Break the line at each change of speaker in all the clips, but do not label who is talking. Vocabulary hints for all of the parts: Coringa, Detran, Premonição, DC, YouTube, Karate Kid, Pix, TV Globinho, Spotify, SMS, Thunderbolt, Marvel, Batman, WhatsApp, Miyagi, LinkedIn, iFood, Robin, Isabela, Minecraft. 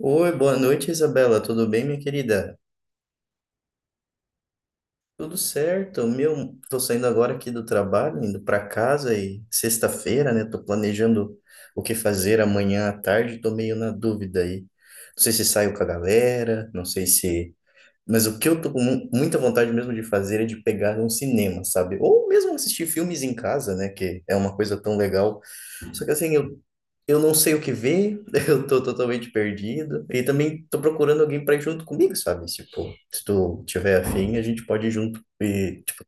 Oi, boa noite, Isabela. Tudo bem, minha querida? Tudo certo. Meu, tô saindo agora aqui do trabalho, indo para casa e sexta-feira, né? Tô planejando o que fazer amanhã à tarde, tô meio na dúvida aí. Não sei se saio com a galera, não sei se, mas o que eu tô com muita vontade mesmo de fazer é de pegar um cinema, sabe? Ou mesmo assistir filmes em casa, né, que é uma coisa tão legal. Só que assim, eu não sei o que ver, eu tô totalmente perdido. E também tô procurando alguém pra ir junto comigo, sabe? Tipo, se tu tiver afim, a gente pode ir junto. E, tipo,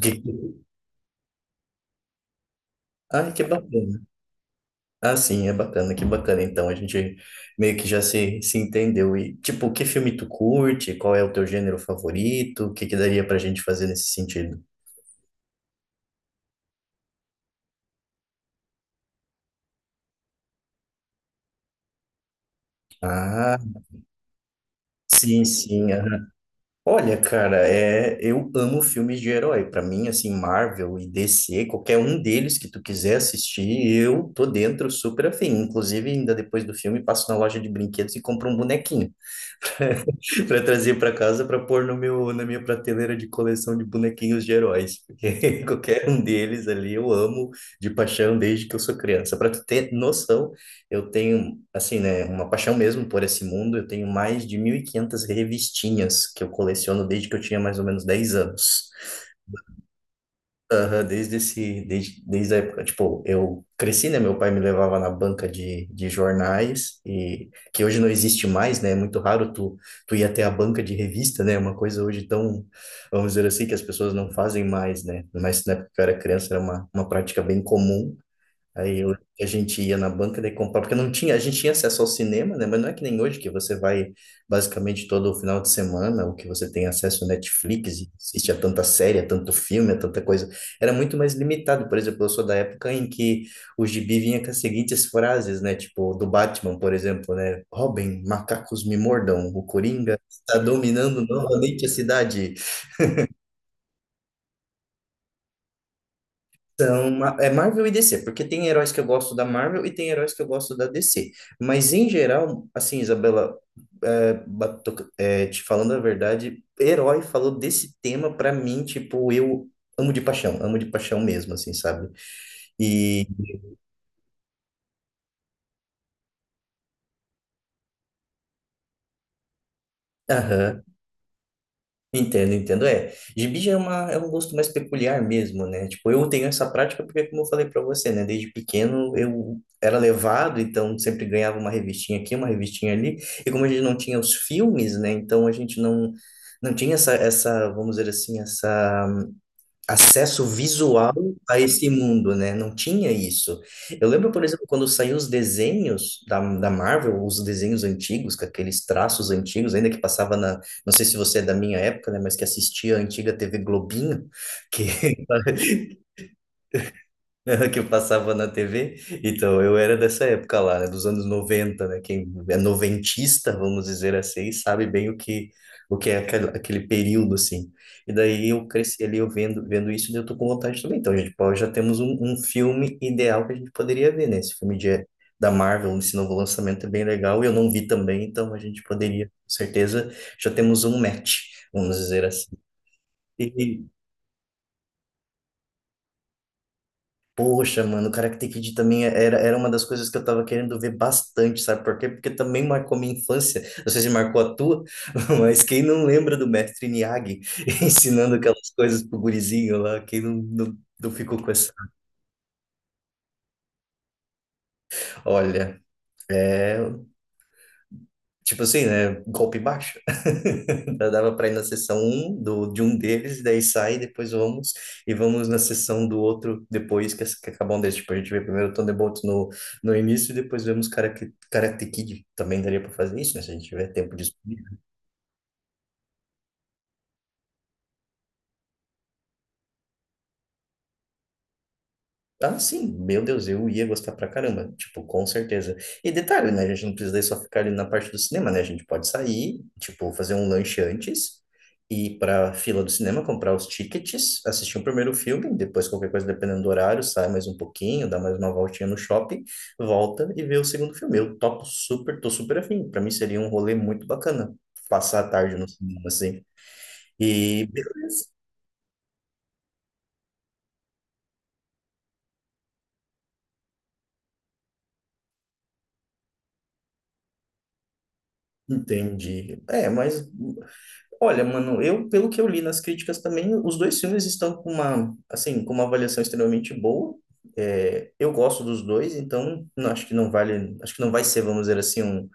que... Ai, que bacana. Ah, sim, é bacana, que bacana. Então, a gente meio que já se entendeu. E, tipo, que filme tu curte? Qual é o teu gênero favorito? O que que daria pra gente fazer nesse sentido? Ah, sim, sim. Olha, cara, é, eu amo filmes de herói. Pra mim, assim, Marvel e DC, qualquer um deles que tu quiser assistir, eu tô dentro super afim. Inclusive, ainda depois do filme, passo na loja de brinquedos e compro um bonequinho. Para trazer para casa para pôr no meu, na minha prateleira de coleção de bonequinhos de heróis, porque qualquer um deles ali eu amo de paixão desde que eu sou criança. Para tu ter noção, eu tenho assim, né, uma paixão mesmo por esse mundo, eu tenho mais de 1.500 revistinhas que eu coleciono desde que eu tinha mais ou menos 10 anos. Aham, desde esse, desde, desde a época, tipo, eu cresci, né? Meu pai me levava na banca de jornais, e que hoje não existe mais, né? É muito raro tu ir até a banca de revista, né? Uma coisa hoje tão, vamos dizer assim, que as pessoas não fazem mais, né? Mas na época que eu era criança era uma prática bem comum. Aí eu, a gente ia na banca de comprar, porque não tinha, a gente tinha acesso ao cinema, né? Mas não é que nem hoje que você vai basicamente todo final de semana, ou que você tem acesso ao Netflix e assiste a tanta série, a tanto filme, a tanta coisa. Era muito mais limitado. Por exemplo, eu sou da época em que o gibi vinha com as seguintes frases, né? Tipo, do Batman, por exemplo, né? Robin, macacos me mordam, o Coringa está dominando novamente a cidade. São, é Marvel e DC, porque tem heróis que eu gosto da Marvel e tem heróis que eu gosto da DC. Mas em geral, assim, Isabela, é, te falando a verdade, herói falou desse tema pra mim, tipo, eu amo de paixão mesmo, assim, sabe? E, aham. Entendo, entendo. É, gibi já é uma, é um gosto mais peculiar mesmo, né? Tipo, eu tenho essa prática porque, como eu falei pra você, né? Desde pequeno eu era levado, então sempre ganhava uma revistinha aqui, uma revistinha ali. E como a gente não tinha os filmes, né? Então a gente não, não tinha essa, vamos dizer assim, essa acesso visual a esse mundo, né? Não tinha isso. Eu lembro, por exemplo, quando saíram os desenhos da Marvel, os desenhos antigos, com aqueles traços antigos, ainda que passava na, não sei se você é da minha época, né, mas que assistia a antiga TV Globinho, que que eu passava na TV. Então, eu era dessa época lá, né, dos anos 90, né? Quem é noventista, vamos dizer assim, sabe bem o que é aquele, aquele período, assim. E daí eu cresci ali, eu vendo isso, e eu tô com vontade também. Então, gente, pô, já temos um filme ideal que a gente poderia ver, né? Esse filme de, da Marvel, esse novo lançamento é bem legal, e eu não vi também, então a gente poderia, com certeza, já temos um match, vamos dizer assim. E, poxa, mano, o Karate Kid também é, era, era uma das coisas que eu tava querendo ver bastante, sabe por quê? Porque também marcou minha infância. Não sei se marcou a tua, mas quem não lembra do mestre Miyagi ensinando aquelas coisas pro gurizinho lá, quem não, não, não ficou com essa. Olha, é. Tipo assim, né? Golpe baixo. Já dava para ir na sessão um do, de um deles, e daí sai, depois vamos, e vamos na sessão do outro depois que acabam desse. Tipo, a gente vê primeiro Thunderbolt no, no início, e depois vemos Karate Kid. Também daria para fazer isso, né? Se a gente tiver tempo de ah, sim, meu Deus, eu ia gostar pra caramba, tipo, com certeza. E detalhe, né, a gente não precisa daí só ficar ali na parte do cinema, né, a gente pode sair, tipo, fazer um lanche antes, ir pra fila do cinema, comprar os tickets, assistir o primeiro filme, depois qualquer coisa, dependendo do horário, sai mais um pouquinho, dá mais uma voltinha no shopping, volta e vê o segundo filme. Eu topo super, tô super afim, pra mim seria um rolê muito bacana, passar a tarde no cinema, assim. E entendi. É, mas olha, mano, eu, pelo que eu li nas críticas também, os dois filmes estão com uma, assim, com uma avaliação extremamente boa. É, eu gosto dos dois, então não, acho que não vale, acho que não vai ser, vamos dizer assim, um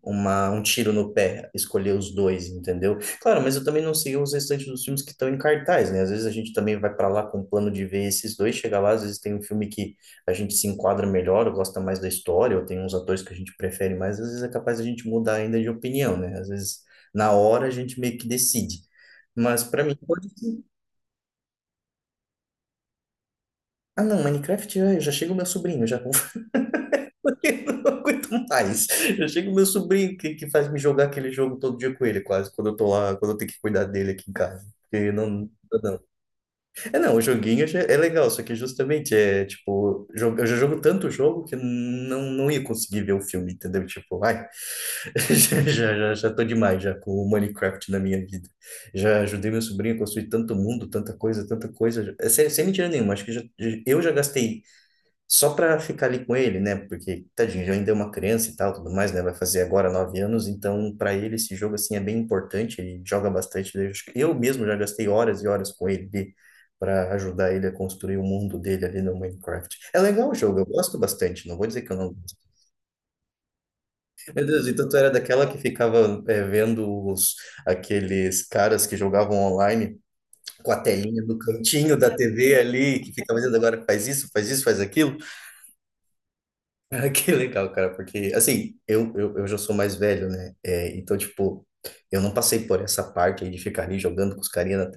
uma, um tiro no pé escolher os dois, entendeu? Claro, mas eu também não sei os restantes dos filmes que estão em cartaz, né? Às vezes a gente também vai para lá com o plano de ver esses dois, chega lá, às vezes tem um filme que a gente se enquadra melhor, ou gosta mais da história, ou tem uns atores que a gente prefere mais, às vezes é capaz a gente mudar ainda de opinião, né? Às vezes na hora a gente meio que decide. Mas para mim pode ser. Ah, não, Minecraft já, já chega o meu sobrinho, já eu não aguento mais. Eu chego meu sobrinho que faz me jogar aquele jogo todo dia com ele, quase, quando eu tô lá, quando eu tenho que cuidar dele aqui em casa. Porque não, não dá, não. É não, o joguinho já é legal, só que justamente é tipo, eu já jogo tanto jogo que não, não ia conseguir ver o filme, entendeu? Tipo, ai, já tô demais já com o Minecraft na minha vida. Já ajudei meu sobrinho a construir tanto mundo, tanta coisa, tanta coisa. É sem, sem mentira nenhuma, acho que eu já gastei só para ficar ali com ele, né? Porque, tadinho, já ainda é uma criança e tal, tudo mais, né? Vai fazer agora 9 anos, então para ele esse jogo, assim, é bem importante, ele joga bastante. Eu acho que eu mesmo já gastei horas e horas com ele para ajudar ele a construir o mundo dele ali no Minecraft. É legal o jogo, eu gosto bastante, não vou dizer que eu não gosto. Meu Deus, então tu era daquela que ficava é, vendo os, aqueles caras que jogavam online com a telinha do cantinho da TV ali, que ficava dizendo agora faz isso, faz isso, faz aquilo? Ah, que legal, cara, porque, assim, eu já sou mais velho, né? É, então, tipo, eu não passei por essa parte aí de ficar ali jogando com os carinha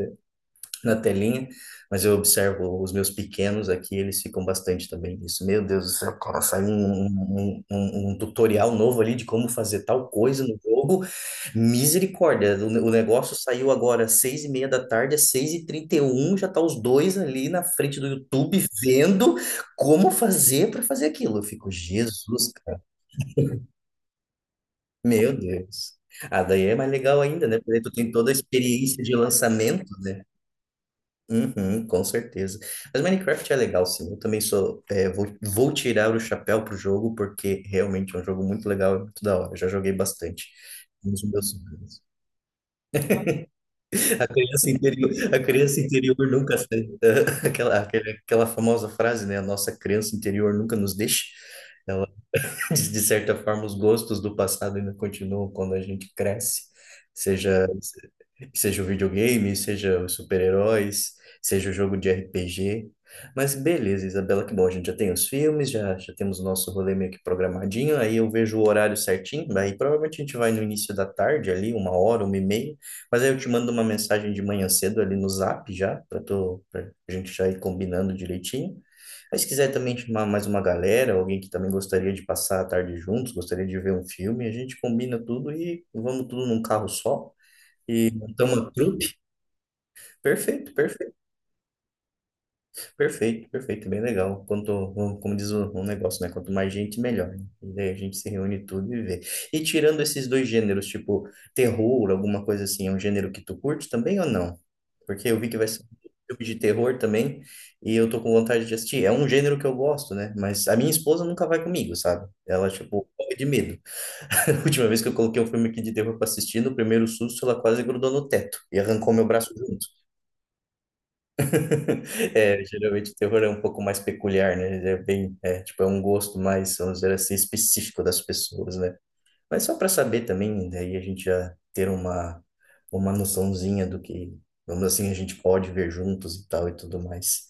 na telinha, mas eu observo os meus pequenos aqui, eles ficam bastante também nisso. Meu Deus do céu, cara, saiu um tutorial novo ali de como fazer tal coisa no jogo. Misericórdia, o negócio saiu agora às 6:30 da tarde, às 6:31, já tá os dois ali na frente do YouTube vendo como fazer para fazer aquilo. Eu fico, Jesus, cara, meu Deus. Ah, daí é mais legal ainda, né? Porque daí tu tem toda a experiência de lançamento, né? Uhum, com certeza. Mas Minecraft é legal, sim. Eu também sou. É, vou, vou tirar o chapéu pro jogo, porque realmente é um jogo muito legal e muito da hora. Eu já joguei bastante. Um dos meus sonhos. A criança interior nunca sai. Aquela famosa frase, né? A nossa criança interior nunca nos deixa. Ela, de certa forma, os gostos do passado ainda continuam quando a gente cresce. Seja. Seja o videogame, seja os super-heróis, seja o jogo de RPG. Mas beleza, Isabela, que bom, a gente já tem os filmes, já temos o nosso rolê meio que programadinho, aí eu vejo o horário certinho, daí provavelmente a gente vai no início da tarde ali, uma hora, uma e meia, mas aí eu te mando uma mensagem de manhã cedo ali no Zap já, pra gente já ir combinando direitinho. Mas se quiser também chamar mais uma galera, alguém que também gostaria de passar a tarde juntos, gostaria de ver um filme, a gente combina tudo e vamos tudo num carro só. E montar uma trupe? Perfeito, perfeito, perfeito, perfeito. Bem legal. Quanto, como diz o negócio, né? Quanto mais gente, melhor, né? E daí a gente se reúne tudo e vê. E tirando esses dois gêneros, tipo terror, alguma coisa assim, é um gênero que tu curte também ou não? Porque eu vi que vai ser um filme de terror também e eu tô com vontade de assistir. É um gênero que eu gosto, né? Mas a minha esposa nunca vai comigo, sabe? Ela, tipo, morre de medo. A última vez que eu coloquei um filme aqui de terror pra assistir, no primeiro susto, ela quase grudou no teto e arrancou meu braço junto. É, geralmente o terror é um pouco mais peculiar, né? Ele é bem, é, tipo, é um gosto mais, vamos dizer assim, específico das pessoas, né? Mas só para saber também, daí a gente já ter uma noçãozinha do que, vamos assim, a gente pode ver juntos e tal e tudo mais.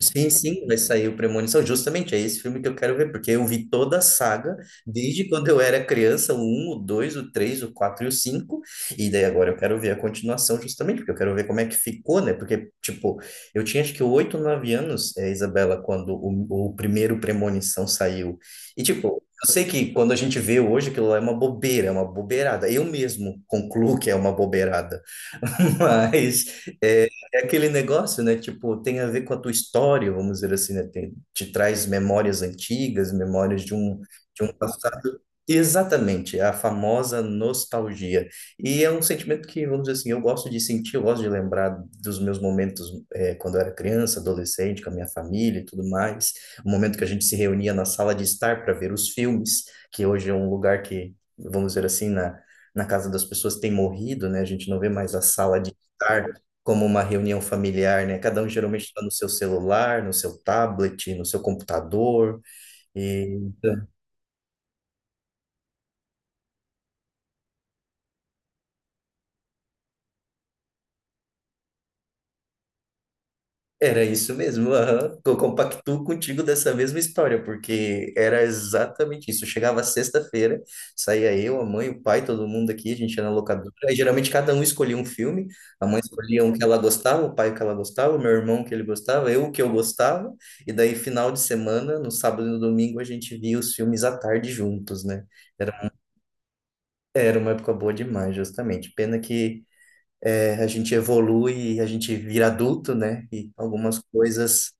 Sim, sim, vai sair o Premonição. Justamente, é esse filme que eu quero ver, porque eu vi toda a saga, desde quando eu era criança, o um o 2 o 3 o 4 e o cinco, e daí agora eu quero ver a continuação justamente, porque eu quero ver como é que ficou, né? Porque, tipo, eu tinha acho que 8, 9 anos, é, Isabela, quando o primeiro Premonição saiu. E, tipo, eu sei que quando a gente vê hoje, aquilo lá é uma bobeira, é uma bobeirada. Eu mesmo concluo que é uma bobeirada, mas... eh, é aquele negócio, né? Tipo, tem a ver com a tua história, vamos dizer assim, né? Tem, te traz memórias antigas, memórias de um passado. Exatamente, é a famosa nostalgia. E é um sentimento que, vamos dizer assim, eu gosto de sentir, eu gosto de lembrar dos meus momentos quando eu era criança, adolescente, com a minha família e tudo mais. O momento que a gente se reunia na sala de estar para ver os filmes, que hoje é um lugar que, vamos dizer assim, na casa das pessoas tem morrido, né? A gente não vê mais a sala de estar como uma reunião familiar, né? Cada um geralmente está no seu celular, no seu tablet, no seu computador. E era isso mesmo. Aham. Eu compactuo contigo dessa mesma história, porque era exatamente isso. Eu chegava sexta-feira, saía eu, a mãe, o pai, todo mundo aqui, a gente ia na locadora. Aí geralmente cada um escolhia um filme. A mãe escolhia um que ela gostava, o pai o que ela gostava, o meu irmão o que ele gostava, eu o que eu gostava. E daí, final de semana, no sábado e no domingo, a gente via os filmes à tarde juntos, né? Era uma época boa demais, justamente. Pena que é, a gente evolui, a gente vira adulto, né? E algumas coisas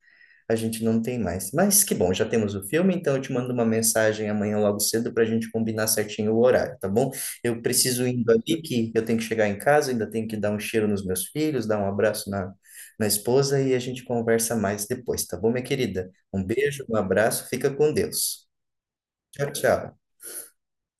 a gente não tem mais. Mas que bom, já temos o filme, então eu te mando uma mensagem amanhã logo cedo para a gente combinar certinho o horário, tá bom? Eu preciso indo ali, que eu tenho que chegar em casa, ainda tenho que dar um cheiro nos meus filhos, dar um abraço na esposa e a gente conversa mais depois, tá bom, minha querida? Um beijo, um abraço, fica com Deus. Tchau, tchau.